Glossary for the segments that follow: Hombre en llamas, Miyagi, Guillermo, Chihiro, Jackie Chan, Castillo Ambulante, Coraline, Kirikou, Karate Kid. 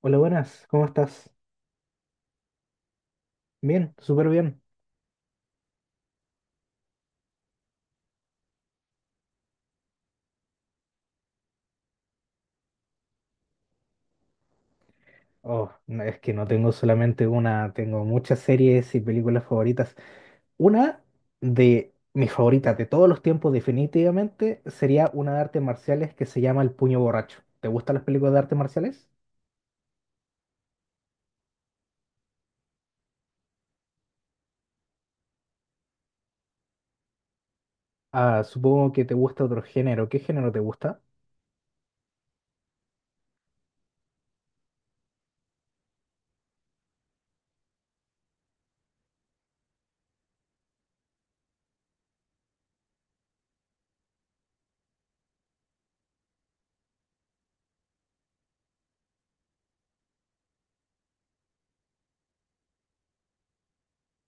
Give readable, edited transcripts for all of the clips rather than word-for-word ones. Hola, buenas, ¿cómo estás? Bien, súper bien. Oh, no, es que no tengo solamente una, tengo muchas series y películas favoritas. Una de mis favoritas de todos los tiempos, definitivamente, sería una de artes marciales que se llama El Puño Borracho. ¿Te gustan las películas de artes marciales? Ah, supongo que te gusta otro género. ¿Qué género te gusta?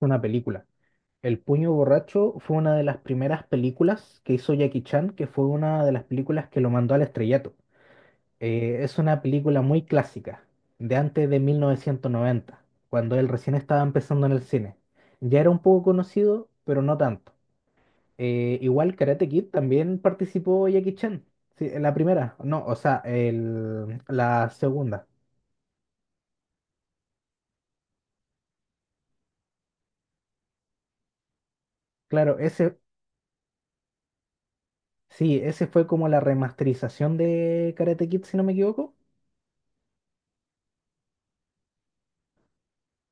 Una película. El Puño Borracho fue una de las primeras películas que hizo Jackie Chan, que fue una de las películas que lo mandó al estrellato. Es una película muy clásica, de antes de 1990, cuando él recién estaba empezando en el cine. Ya era un poco conocido, pero no tanto. Igual Karate Kid también participó Jackie Chan, sí, en la primera, no, o sea, la segunda. Claro, ese, sí, ese fue como la remasterización de Karate Kid, si no me equivoco.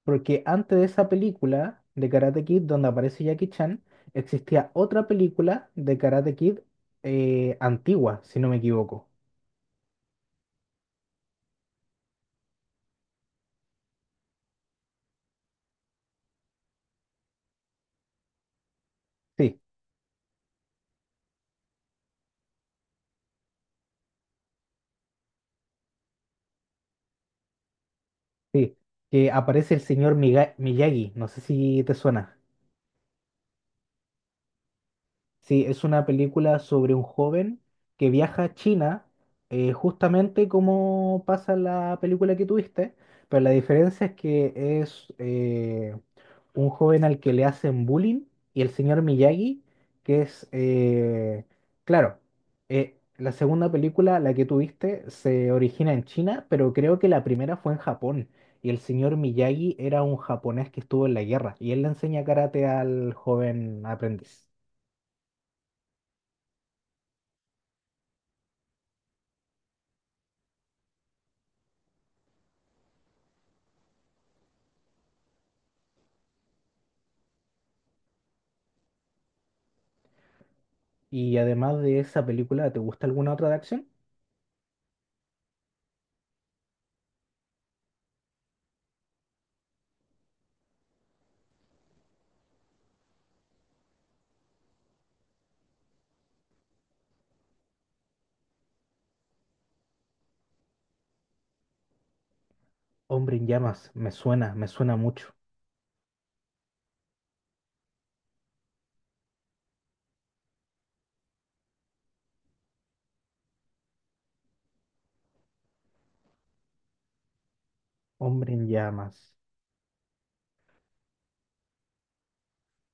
Porque antes de esa película de Karate Kid, donde aparece Jackie Chan, existía otra película de Karate Kid, antigua, si no me equivoco. Sí, sí, que aparece el señor Miyagi, no sé si te suena. Sí, es una película sobre un joven que viaja a China, justamente como pasa en la película que tuviste, pero la diferencia es que es, un joven al que le hacen bullying y el señor Miyagi, que es, claro, la segunda película, la que tuviste, se origina en China, pero creo que la primera fue en Japón, y el señor Miyagi era un japonés que estuvo en la guerra y él le enseña karate al joven aprendiz. Y además de esa película, ¿te gusta alguna otra de acción? Hombre en llamas, me suena mucho. Hombre en llamas.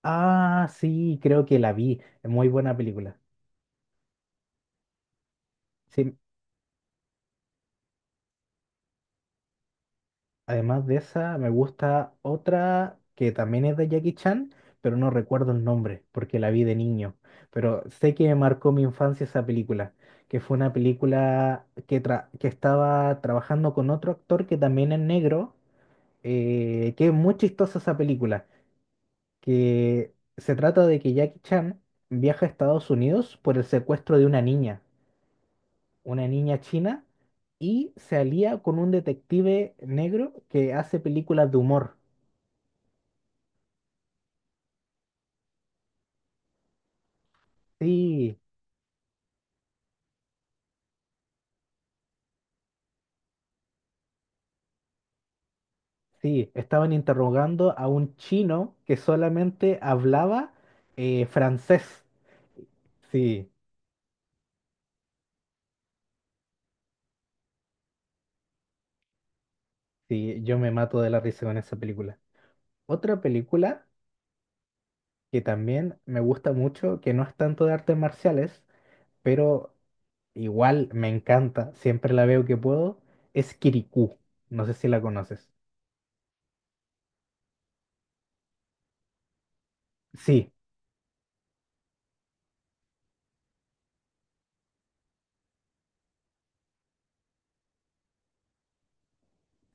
Ah, sí, creo que la vi. Es muy buena película. Sí, además de esa, me gusta otra que también es de Jackie Chan, pero no recuerdo el nombre porque la vi de niño. Pero sé que me marcó mi infancia esa película, que fue una película que, que estaba trabajando con otro actor que también es negro, que es muy chistosa esa película, que se trata de que Jackie Chan viaja a Estados Unidos por el secuestro de una niña china, y se alía con un detective negro que hace películas de humor. Sí, sí, estaban interrogando a un chino que solamente hablaba francés. Sí, sí, yo me mato de la risa con esa película. Otra película que también me gusta mucho, que no es tanto de artes marciales, pero igual me encanta, siempre la veo que puedo, es Kirikou. No sé si la conoces. Sí,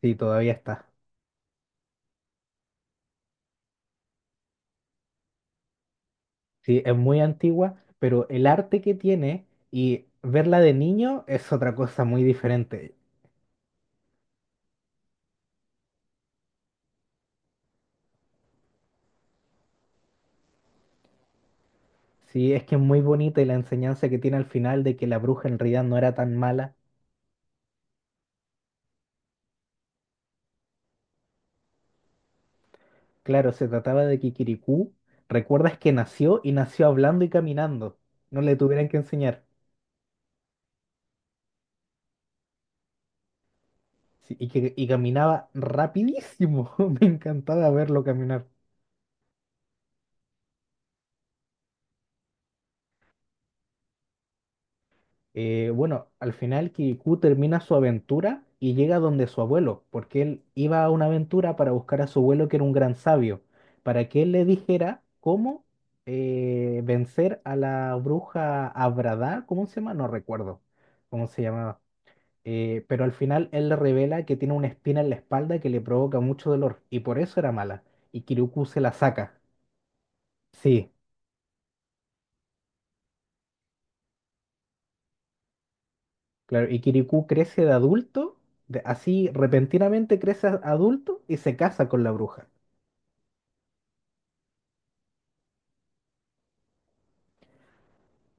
sí, todavía está. Sí, es muy antigua, pero el arte que tiene y verla de niño es otra cosa muy diferente. Sí, es que es muy bonita y la enseñanza que tiene al final de que la bruja en realidad no era tan mala. Claro, se trataba de Kikirikú. Recuerdas que nació y nació hablando y caminando. No le tuvieran que enseñar. Sí, y que y caminaba rapidísimo. Me encantaba verlo caminar. Bueno, al final Kirikou termina su aventura y llega donde su abuelo, porque él iba a una aventura para buscar a su abuelo que era un gran sabio, para que él le dijera cómo vencer a la bruja Abradá, ¿cómo se llama? No recuerdo cómo se llamaba. Pero al final él le revela que tiene una espina en la espalda que le provoca mucho dolor y por eso era mala. Y Kirikou se la saca. Sí. Claro, y Kirikou crece de adulto, así repentinamente crece adulto y se casa con la bruja.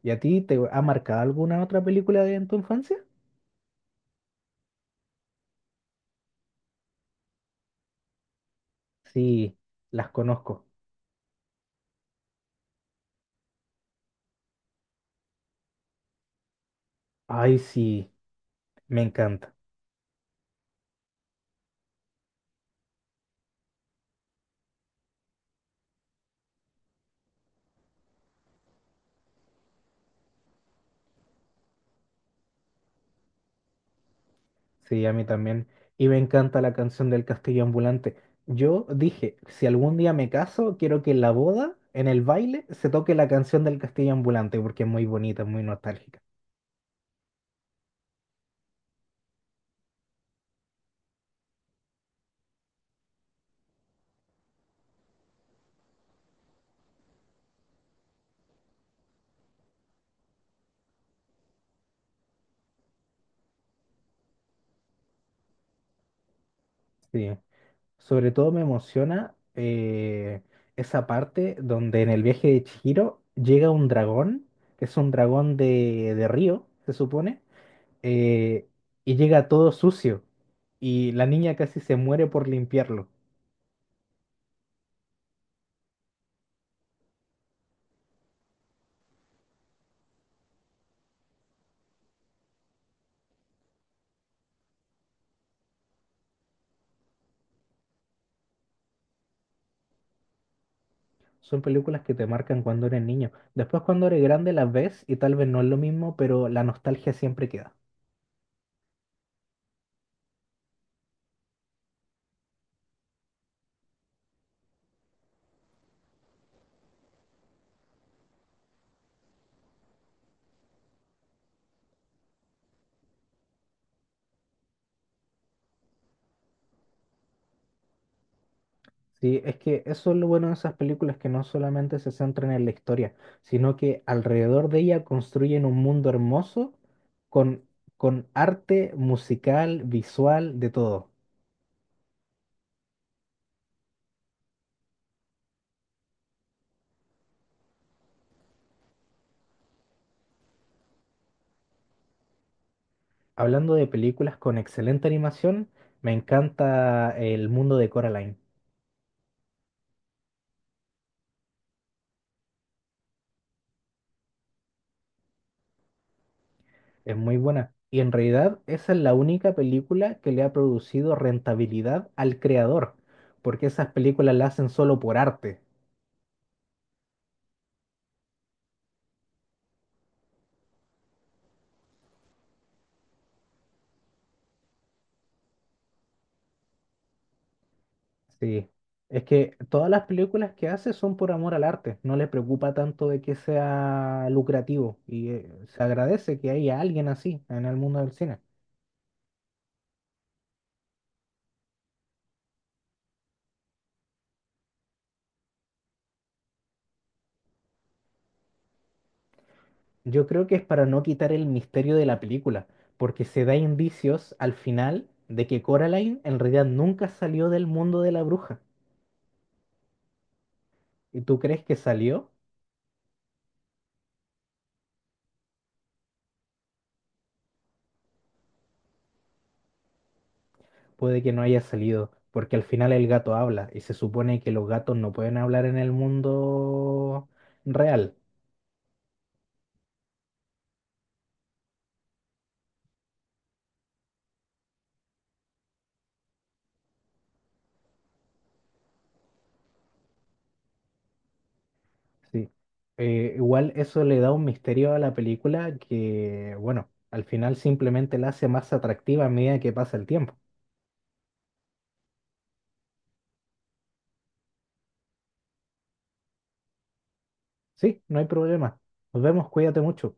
¿Y a ti te ha marcado alguna otra película de en tu infancia? Sí, las conozco. Ay, sí, me encanta. Sí, a mí también. Y me encanta la canción del Castillo Ambulante. Yo dije, si algún día me caso, quiero que en la boda, en el baile, se toque la canción del Castillo Ambulante, porque es muy bonita, es muy nostálgica. Sí. Sobre todo me emociona esa parte donde en el viaje de Chihiro llega un dragón, que es un dragón de río, se supone, eh, y llega todo sucio. Y la niña casi se muere por limpiarlo. Son películas que te marcan cuando eres niño. Después cuando eres grande las ves y tal vez no es lo mismo, pero la nostalgia siempre queda. Sí, es que eso es lo bueno de esas películas que no solamente se centran en la historia, sino que alrededor de ella construyen un mundo hermoso con, con arte musical, visual, de todo. Hablando de películas con excelente animación, me encanta El mundo de Coraline. Es muy buena. Y en realidad esa es la única película que le ha producido rentabilidad al creador, porque esas películas las hacen solo por arte. Sí, es que todas las películas que hace son por amor al arte, no le preocupa tanto de que sea lucrativo y se agradece que haya alguien así en el mundo del cine. Yo creo que es para no quitar el misterio de la película, porque se da indicios al final de que Coraline en realidad nunca salió del mundo de la bruja. ¿Y tú crees que salió? Puede que no haya salido, porque al final el gato habla y se supone que los gatos no pueden hablar en el mundo real. Sí. Igual eso le da un misterio a la película que, bueno, al final simplemente la hace más atractiva a medida que pasa el tiempo. Sí, no hay problema. Nos vemos, cuídate mucho.